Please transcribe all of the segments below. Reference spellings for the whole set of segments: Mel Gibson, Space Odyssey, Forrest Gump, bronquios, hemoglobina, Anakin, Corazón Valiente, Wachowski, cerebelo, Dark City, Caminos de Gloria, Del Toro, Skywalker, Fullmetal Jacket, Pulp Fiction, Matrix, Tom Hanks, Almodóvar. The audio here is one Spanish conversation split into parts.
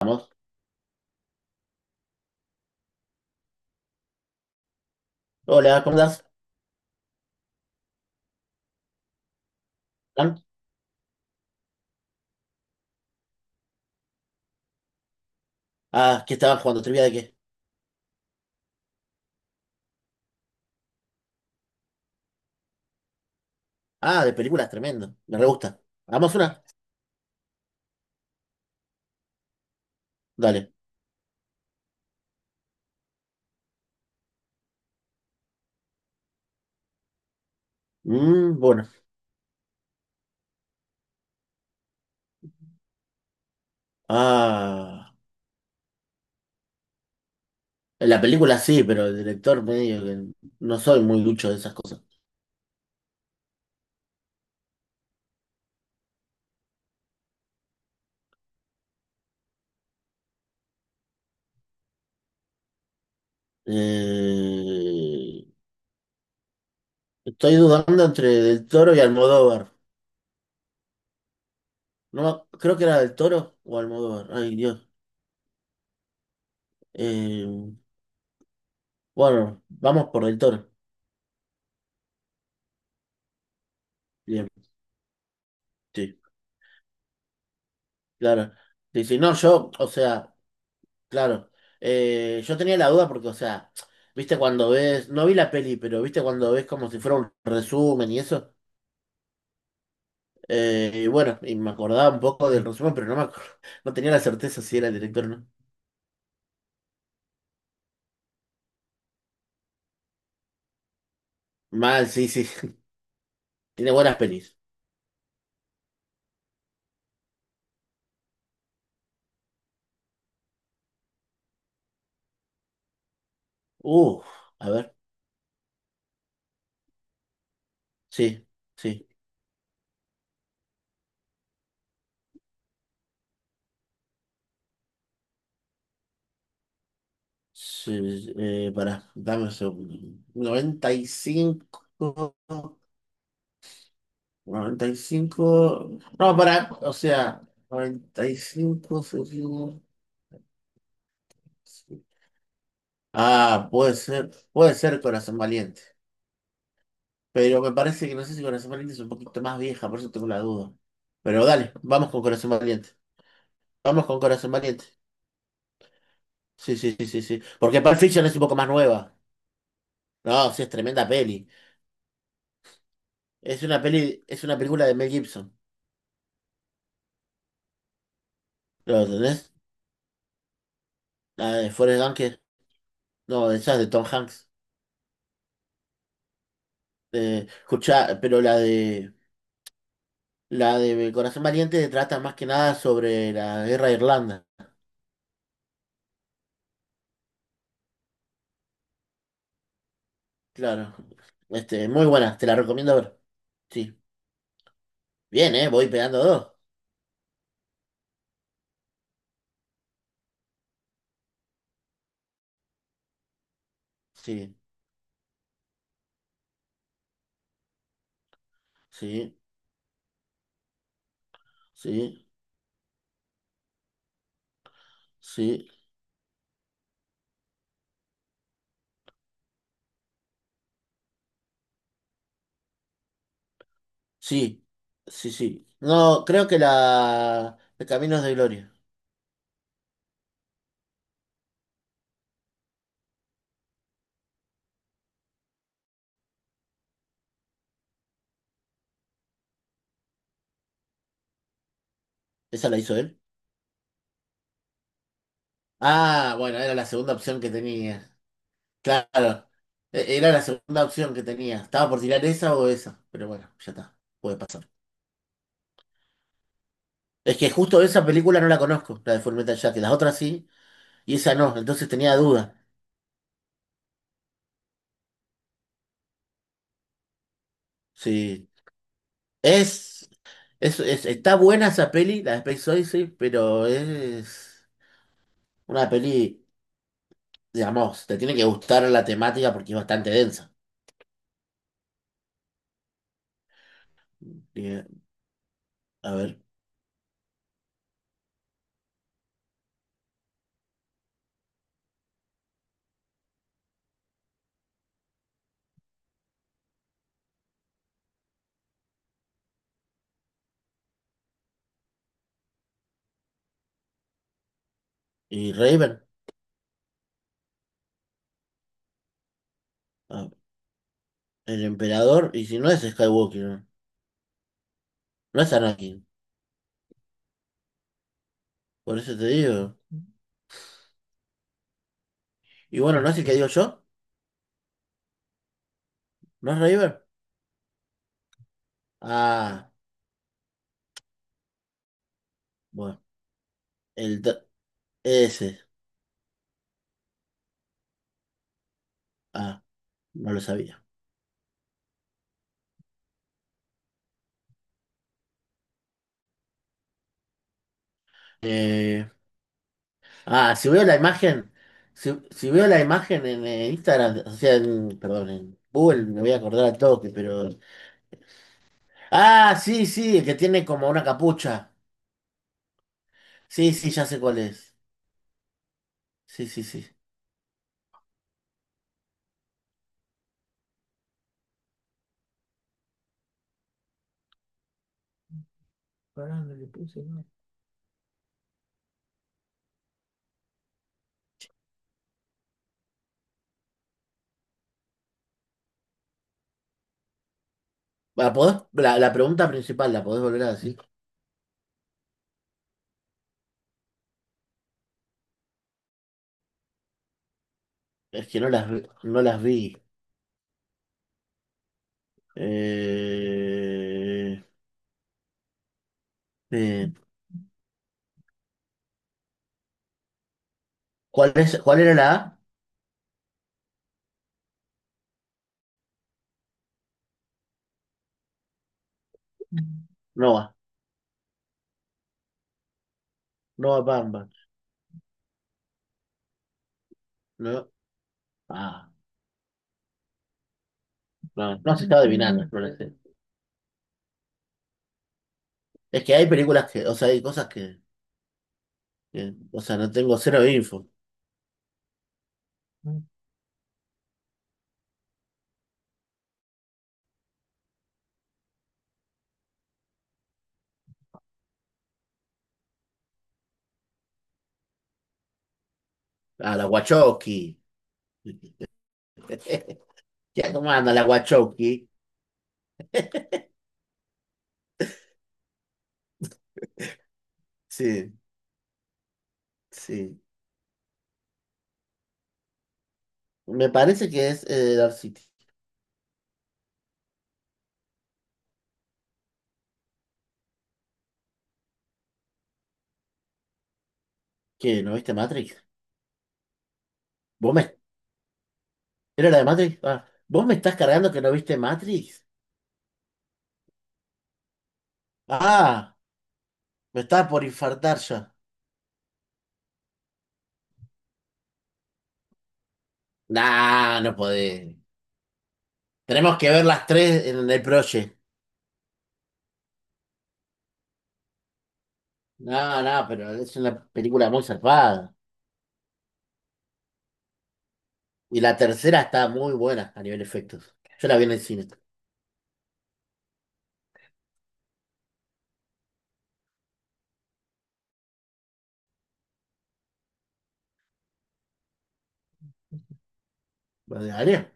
Vamos. Hola, ¿cómo estás? ¿Tan? Ah, ¿qué estaban jugando? ¿Trivia de qué? Ah, de películas, tremendo. Me re gusta. ¿Hagamos una? Dale. Bueno. Ah, la película sí, pero el director medio que no soy muy ducho de esas cosas. Eh, estoy dudando entre Del Toro y Almodóvar. No, creo que era Del Toro o Almodóvar. Ay, Dios. Eh, bueno, vamos por Del Toro. Bien, sí, claro. Sí, sí, no, yo, o sea. Claro. Yo tenía la duda porque, o sea, viste cuando ves, no vi la peli, pero viste cuando ves como si fuera un resumen y eso. Y bueno, y me acordaba un poco del resumen, pero no me acuerdo, no tenía la certeza si era el director o no. Mal, sí, sí, tiene buenas pelis. Uh, a ver, sí, sí, sí, pará, dame un segundo. Noventa y cinco. Noventa y cinco, no, pará, o sea, 95. Ah, puede ser Corazón Valiente. Pero me parece que no sé si Corazón Valiente es un poquito más vieja, por eso tengo la duda. Pero dale, vamos con Corazón Valiente. Vamos con Corazón Valiente. Sí, sí, sí, sí, sí. Porque Pulp Fiction es un poco más nueva. No, sí, es tremenda peli. Es una peli, es una película de Mel Gibson. ¿Lo entendés? La de Forrest Gump, no, esa es de Tom Hanks. Escuchá, pero la de Corazón Valiente trata más que nada sobre la guerra de Irlanda. Claro. Este, muy buena, te la recomiendo ver. Sí. Bien, ¿eh? Voy pegando dos. Sí, sí, sí, sí, sí, sí, sí. No, creo que la de Caminos de Gloria. ¿Esa la hizo él? Ah, bueno, era la segunda opción que tenía. Claro. Era la segunda opción que tenía. Estaba por tirar esa o esa. Pero bueno, ya está. Puede pasar. Es que justo esa película no la conozco, la de Fullmetal Jacket. Las otras sí, y esa no. Entonces tenía duda. Sí. Es. Está buena esa peli, la de Space Odyssey, pero es una peli, digamos, te tiene que gustar la temática porque es bastante densa. Y, a ver, y Raven. Ah, el emperador, y si no es Skywalker, no. No es Anakin, por eso te digo. Y bueno, ¿no es el que digo yo? ¿No es Raven? Ah, bueno, el, dr- ese, ah, no lo sabía. Eh, Ah, si veo la imagen, si veo la imagen en Instagram, o sea, en, perdón, en Google, me voy a acordar al toque, pero... Ah, sí, sí, el que tiene como una capucha. Sí, sí, ya sé cuál es. Sí, sí, sí. La la pregunta principal, la podés volver a decir? Es que no las, no las vi. Eh, eh, ¿Cuál es, cuál era la A? Nova, Nova Bamba. No, ah, no, no se está adivinando, no lo sé. Es que hay películas que, o sea, hay cosas que... Bien. O sea, no tengo cero info. Ah, la Wachowski. ¿Ya cómo anda la Wachowski? Sí, sí. Me parece que es Dark City. ¿Qué? ¿No viste Matrix? ¿Vos me... ¿Era la de Matrix? Ah, ¿vos me estás cargando que no viste Matrix? Ah, me estaba por infartar ya. Nah, no podés. Tenemos que ver las tres en el proye. No, no, pero es una película muy zarpada. Y la tercera está muy buena a nivel efectos. Yo la vi en el cine. ¿Vale?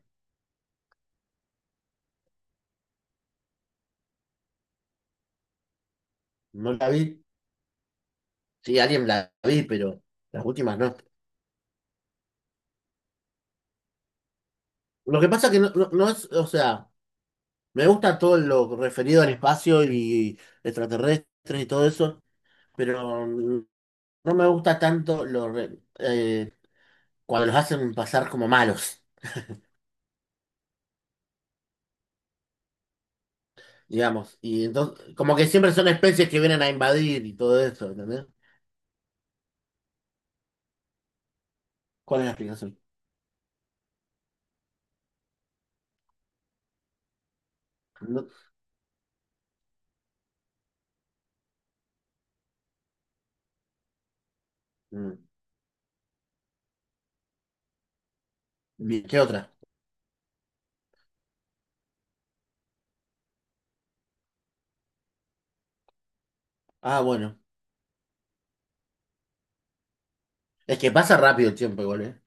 ¿No la vi? Sí, alguien la vi, pero las últimas no. Lo que pasa que no, no, no es, o sea, me gusta todo lo referido al espacio y extraterrestres y todo eso, pero no me gusta tanto lo, cuando los hacen pasar como malos, digamos. Y entonces, como que siempre son especies que vienen a invadir y todo eso, ¿entendés? ¿Cuál es la explicación? No- mm, bien, ¿qué otra? Ah, bueno. Es que pasa rápido el tiempo igual, ¿eh?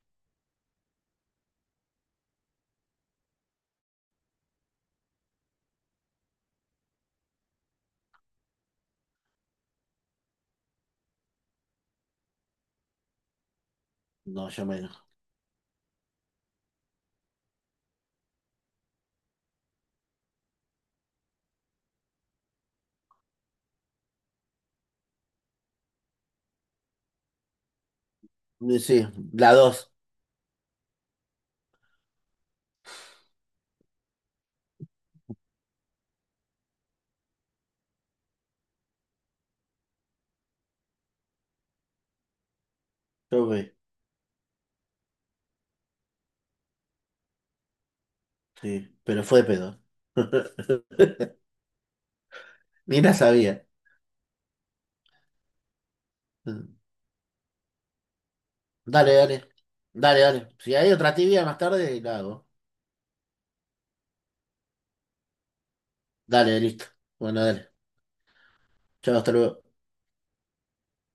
No, yo menos. Sí, la dos. Yo, sí, pero fue de pedo. Ni la sabía. Dale, dale. Dale, dale. Si hay otra tibia más tarde, la hago. Dale, listo. Bueno, dale. Chao, hasta luego.